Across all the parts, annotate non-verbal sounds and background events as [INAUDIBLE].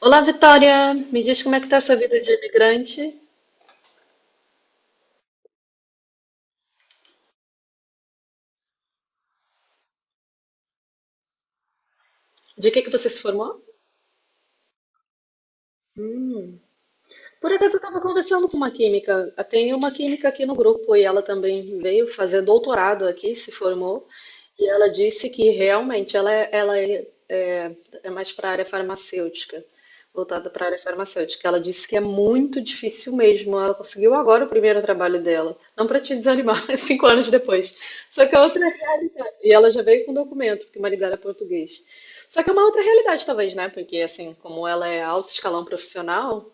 Olá, Vitória! Me diz como é que tá essa vida de imigrante? De que você se formou? Hum. Por acaso eu estava conversando com uma química. Tem uma química aqui no grupo e ela também veio fazer doutorado aqui, se formou, e ela disse que realmente ela é mais para a área farmacêutica, voltada para a área farmacêutica. Ela disse que é muito difícil mesmo. Ela conseguiu agora o primeiro trabalho dela. Não para te desanimar, [LAUGHS] mas 5 anos depois. Só que é outra realidade. E ela já veio com documento, porque o marido dela é português. Só que é uma outra realidade, talvez, né? Porque, assim, como ela é alto escalão profissional,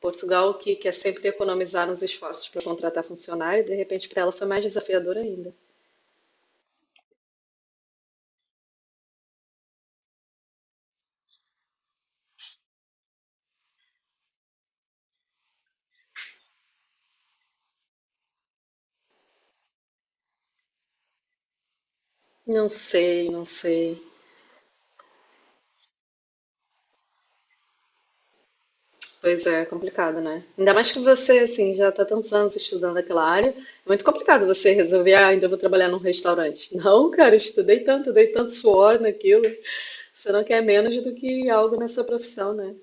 Portugal, que quer sempre economizar nos esforços para contratar funcionário, de repente para ela foi mais desafiador ainda. Não sei, não sei. Pois é, é complicado, né? Ainda mais que você, assim, já está tantos anos estudando aquela área, é muito complicado você resolver, ah, ainda vou trabalhar num restaurante. [LAUGHS] Não, cara, eu estudei tanto, dei tanto suor naquilo. Você não quer menos do que algo na sua profissão, né?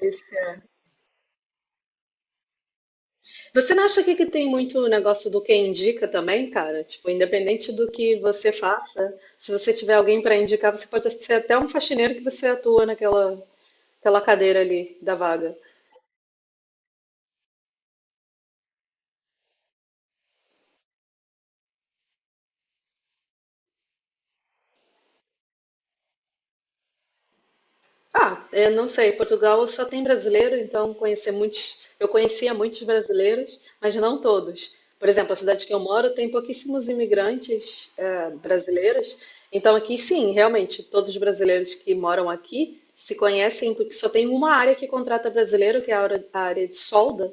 Esse Você não acha que tem muito o negócio do quem indica também, cara? Tipo, independente do que você faça, se você tiver alguém para indicar, você pode ser até um faxineiro que você atua naquela, aquela cadeira ali da vaga. Ah, eu não sei. Portugal só tem brasileiro, então conhecer muitos, eu conhecia muitos brasileiros, mas não todos. Por exemplo, a cidade que eu moro tem pouquíssimos imigrantes brasileiros. Então aqui sim, realmente, todos os brasileiros que moram aqui se conhecem, porque só tem uma área que contrata brasileiro, que é a área de solda.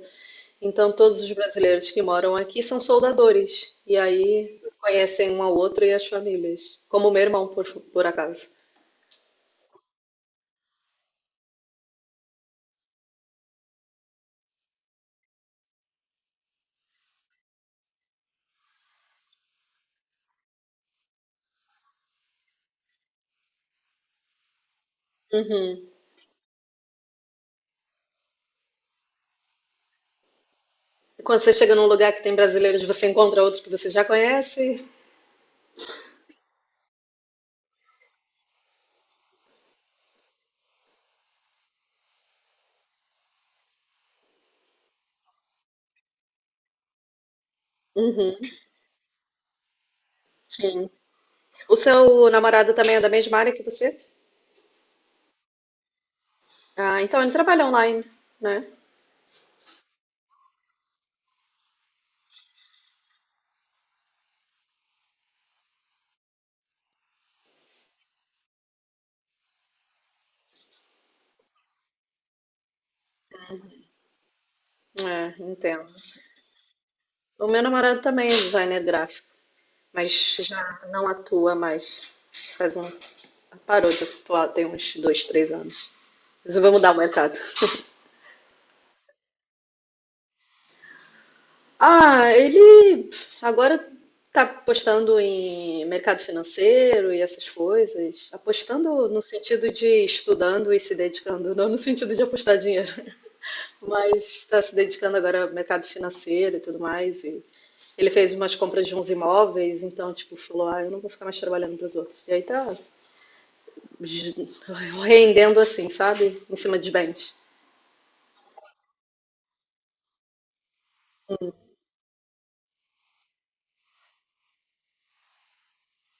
Então todos os brasileiros que moram aqui são soldadores. E aí conhecem um ao outro e as famílias. Como o meu irmão, por acaso. Uhum. Quando você chega num lugar que tem brasileiros, você encontra outro que você já conhece. Uhum. O seu namorado também é da mesma área que você? Ah, então ele trabalha online, né? É, entendo. O meu namorado também é designer gráfico, mas já não atua mais. Faz um. Parou de atuar tem uns dois, três anos. Resolveu mudar o mercado. Ah, ele agora está apostando em mercado financeiro e essas coisas. Apostando no sentido de estudando e se dedicando, não no sentido de apostar dinheiro, [LAUGHS] mas está se dedicando agora ao mercado financeiro e tudo mais. E ele fez umas compras de uns imóveis, então, tipo, falou: Ah, eu não vou ficar mais trabalhando para os outros. E aí tá j- rendendo assim, sabe? Em cima de bens.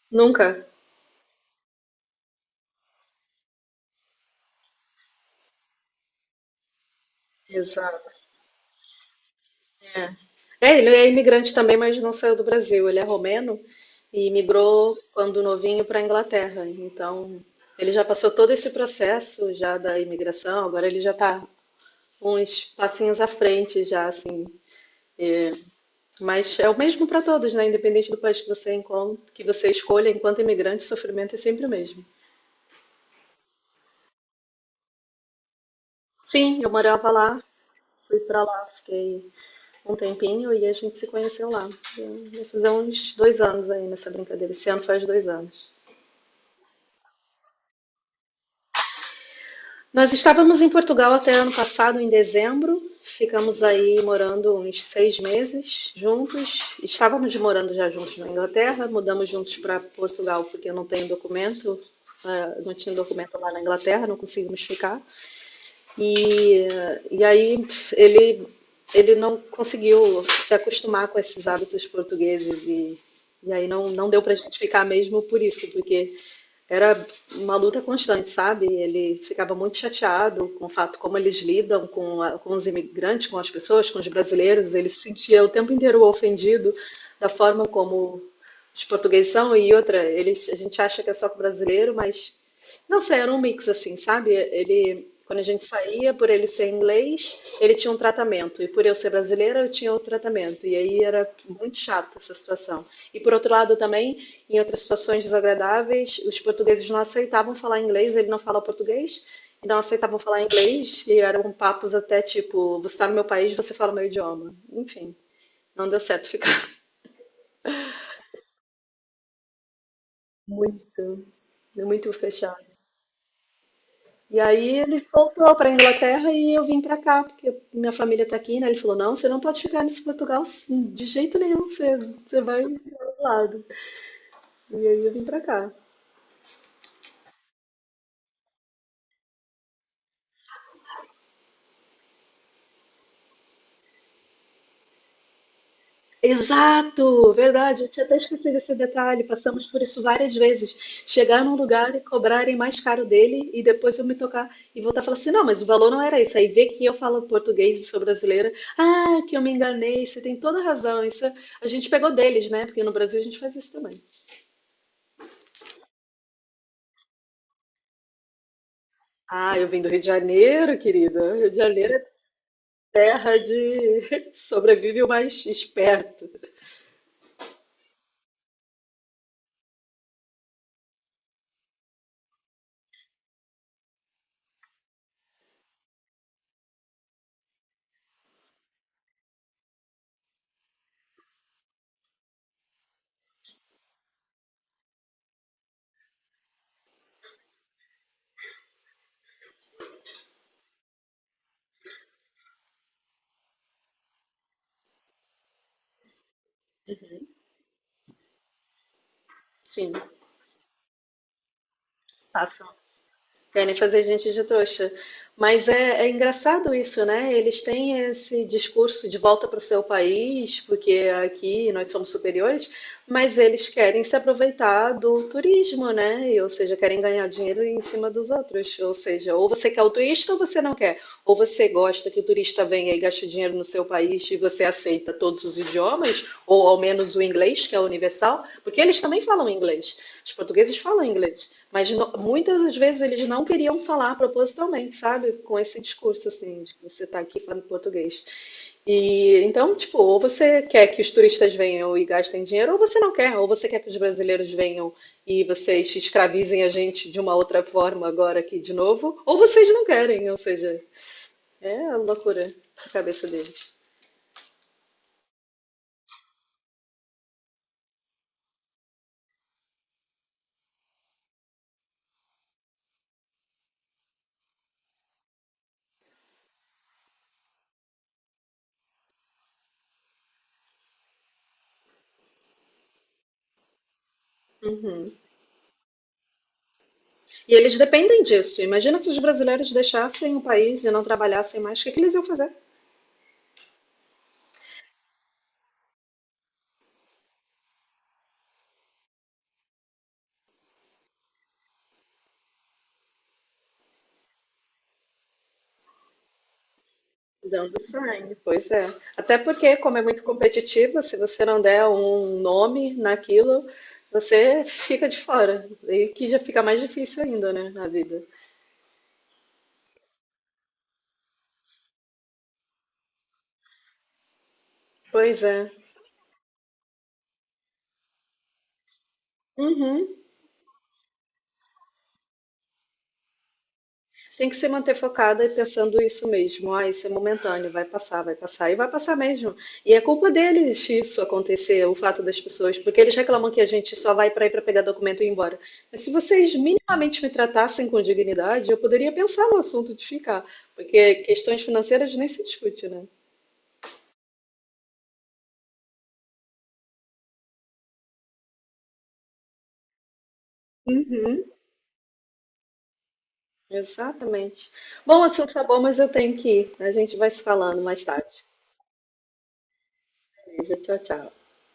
Nunca. Exato. É, É, ele é imigrante também, mas não saiu do Brasil. Ele é romeno e migrou quando novinho para a Inglaterra. Então, ele já passou todo esse processo já da imigração, agora ele já está uns passinhos à frente já, assim. Mas é o mesmo para todos, né? Independente do país que você encontra, que você escolha, enquanto imigrante, o sofrimento é sempre o mesmo. Sim, eu morava lá, fui para lá, fiquei um tempinho e a gente se conheceu lá. E vai fazer uns 2 anos aí nessa brincadeira. Esse ano faz 2 anos. Nós estávamos em Portugal até ano passado, em dezembro. Ficamos aí morando uns 6 meses juntos. Estávamos morando já juntos na Inglaterra, mudamos juntos para Portugal porque eu não tenho documento, não tinha documento lá na Inglaterra, não conseguimos ficar. E aí ele, ele não conseguiu se acostumar com esses hábitos portugueses e aí não, não deu para a gente ficar mesmo por isso, porque era uma luta constante, sabe? Ele ficava muito chateado com o fato como eles lidam com os imigrantes, com as pessoas, com os brasileiros. Ele se sentia o tempo inteiro ofendido da forma como os portugueses são e outra, eles, a gente acha que é só com o brasileiro, mas não sei, era um mix assim, sabe? Ele, quando a gente saía, por ele ser inglês, ele tinha um tratamento, e por eu ser brasileira, eu tinha outro tratamento. E aí era muito chato essa situação. E por outro lado também, em outras situações desagradáveis, os portugueses não aceitavam falar inglês, ele não fala português, e não aceitavam falar inglês, e eram papos até tipo, você está no meu país, você fala o meu idioma. Enfim, não deu certo ficar. [LAUGHS] Muito, muito fechado. E aí ele voltou para Inglaterra e eu vim para cá, porque minha família está aqui, né? Ele falou: "Não, você não pode ficar nesse Portugal assim, de jeito nenhum, você vai para outro lado". E aí eu vim para cá. Exato, verdade. Eu tinha até esquecido esse detalhe. Passamos por isso várias vezes. Chegar num lugar e cobrarem mais caro dele e depois eu me tocar e voltar a falar assim: não, mas o valor não era isso. Aí vê que eu falo português e sou brasileira. Ah, que eu me enganei. Você tem toda razão. Isso a gente pegou deles, né? Porque no Brasil a gente faz isso também. Ah, eu vim do Rio de Janeiro, querida. Rio de Janeiro é terra de [LAUGHS] sobrevive o mais esperto. Sim, tá. Querem fazer gente de trouxa. Mas é engraçado isso, né? Eles têm esse discurso de volta para o seu país, porque aqui nós somos superiores, mas eles querem se aproveitar do turismo, né? Ou seja, querem ganhar dinheiro em cima dos outros. Ou seja, ou você quer o turista ou você não quer. Ou você gosta que o turista venha e gaste dinheiro no seu país e você aceita todos os idiomas, ou ao menos o inglês, que é universal, porque eles também falam inglês. Os portugueses falam inglês. Mas muitas das vezes eles não queriam falar propositalmente, sabe? Com esse discurso, assim, de que você tá aqui falando português. E então, tipo, ou você quer que os turistas venham e gastem dinheiro, ou você não quer, ou você quer que os brasileiros venham e vocês escravizem a gente de uma outra forma agora aqui de novo, ou vocês não querem, ou seja, é a loucura da cabeça deles. Uhum. E eles dependem disso. Imagina se os brasileiros deixassem o país e não trabalhassem mais, o que que eles iam fazer? Dando sign, pois é. Até porque, como é muito competitiva, se você não der um nome naquilo, você fica de fora. E que já fica mais difícil ainda, né, na vida. Pois é. Uhum. Tem que se manter focada e pensando isso mesmo. Ah, isso é momentâneo, vai passar, vai passar. E vai passar mesmo. E é culpa deles isso acontecer, o fato das pessoas, porque eles reclamam que a gente só vai para ir para pegar documento e ir embora. Mas se vocês minimamente me tratassem com dignidade, eu poderia pensar no assunto de ficar, porque questões financeiras nem se discute, né? Uhum, exatamente. Bom, o assunto tá bom, mas eu tenho que ir. A gente vai se falando mais tarde. Beleza, tchau, tchau.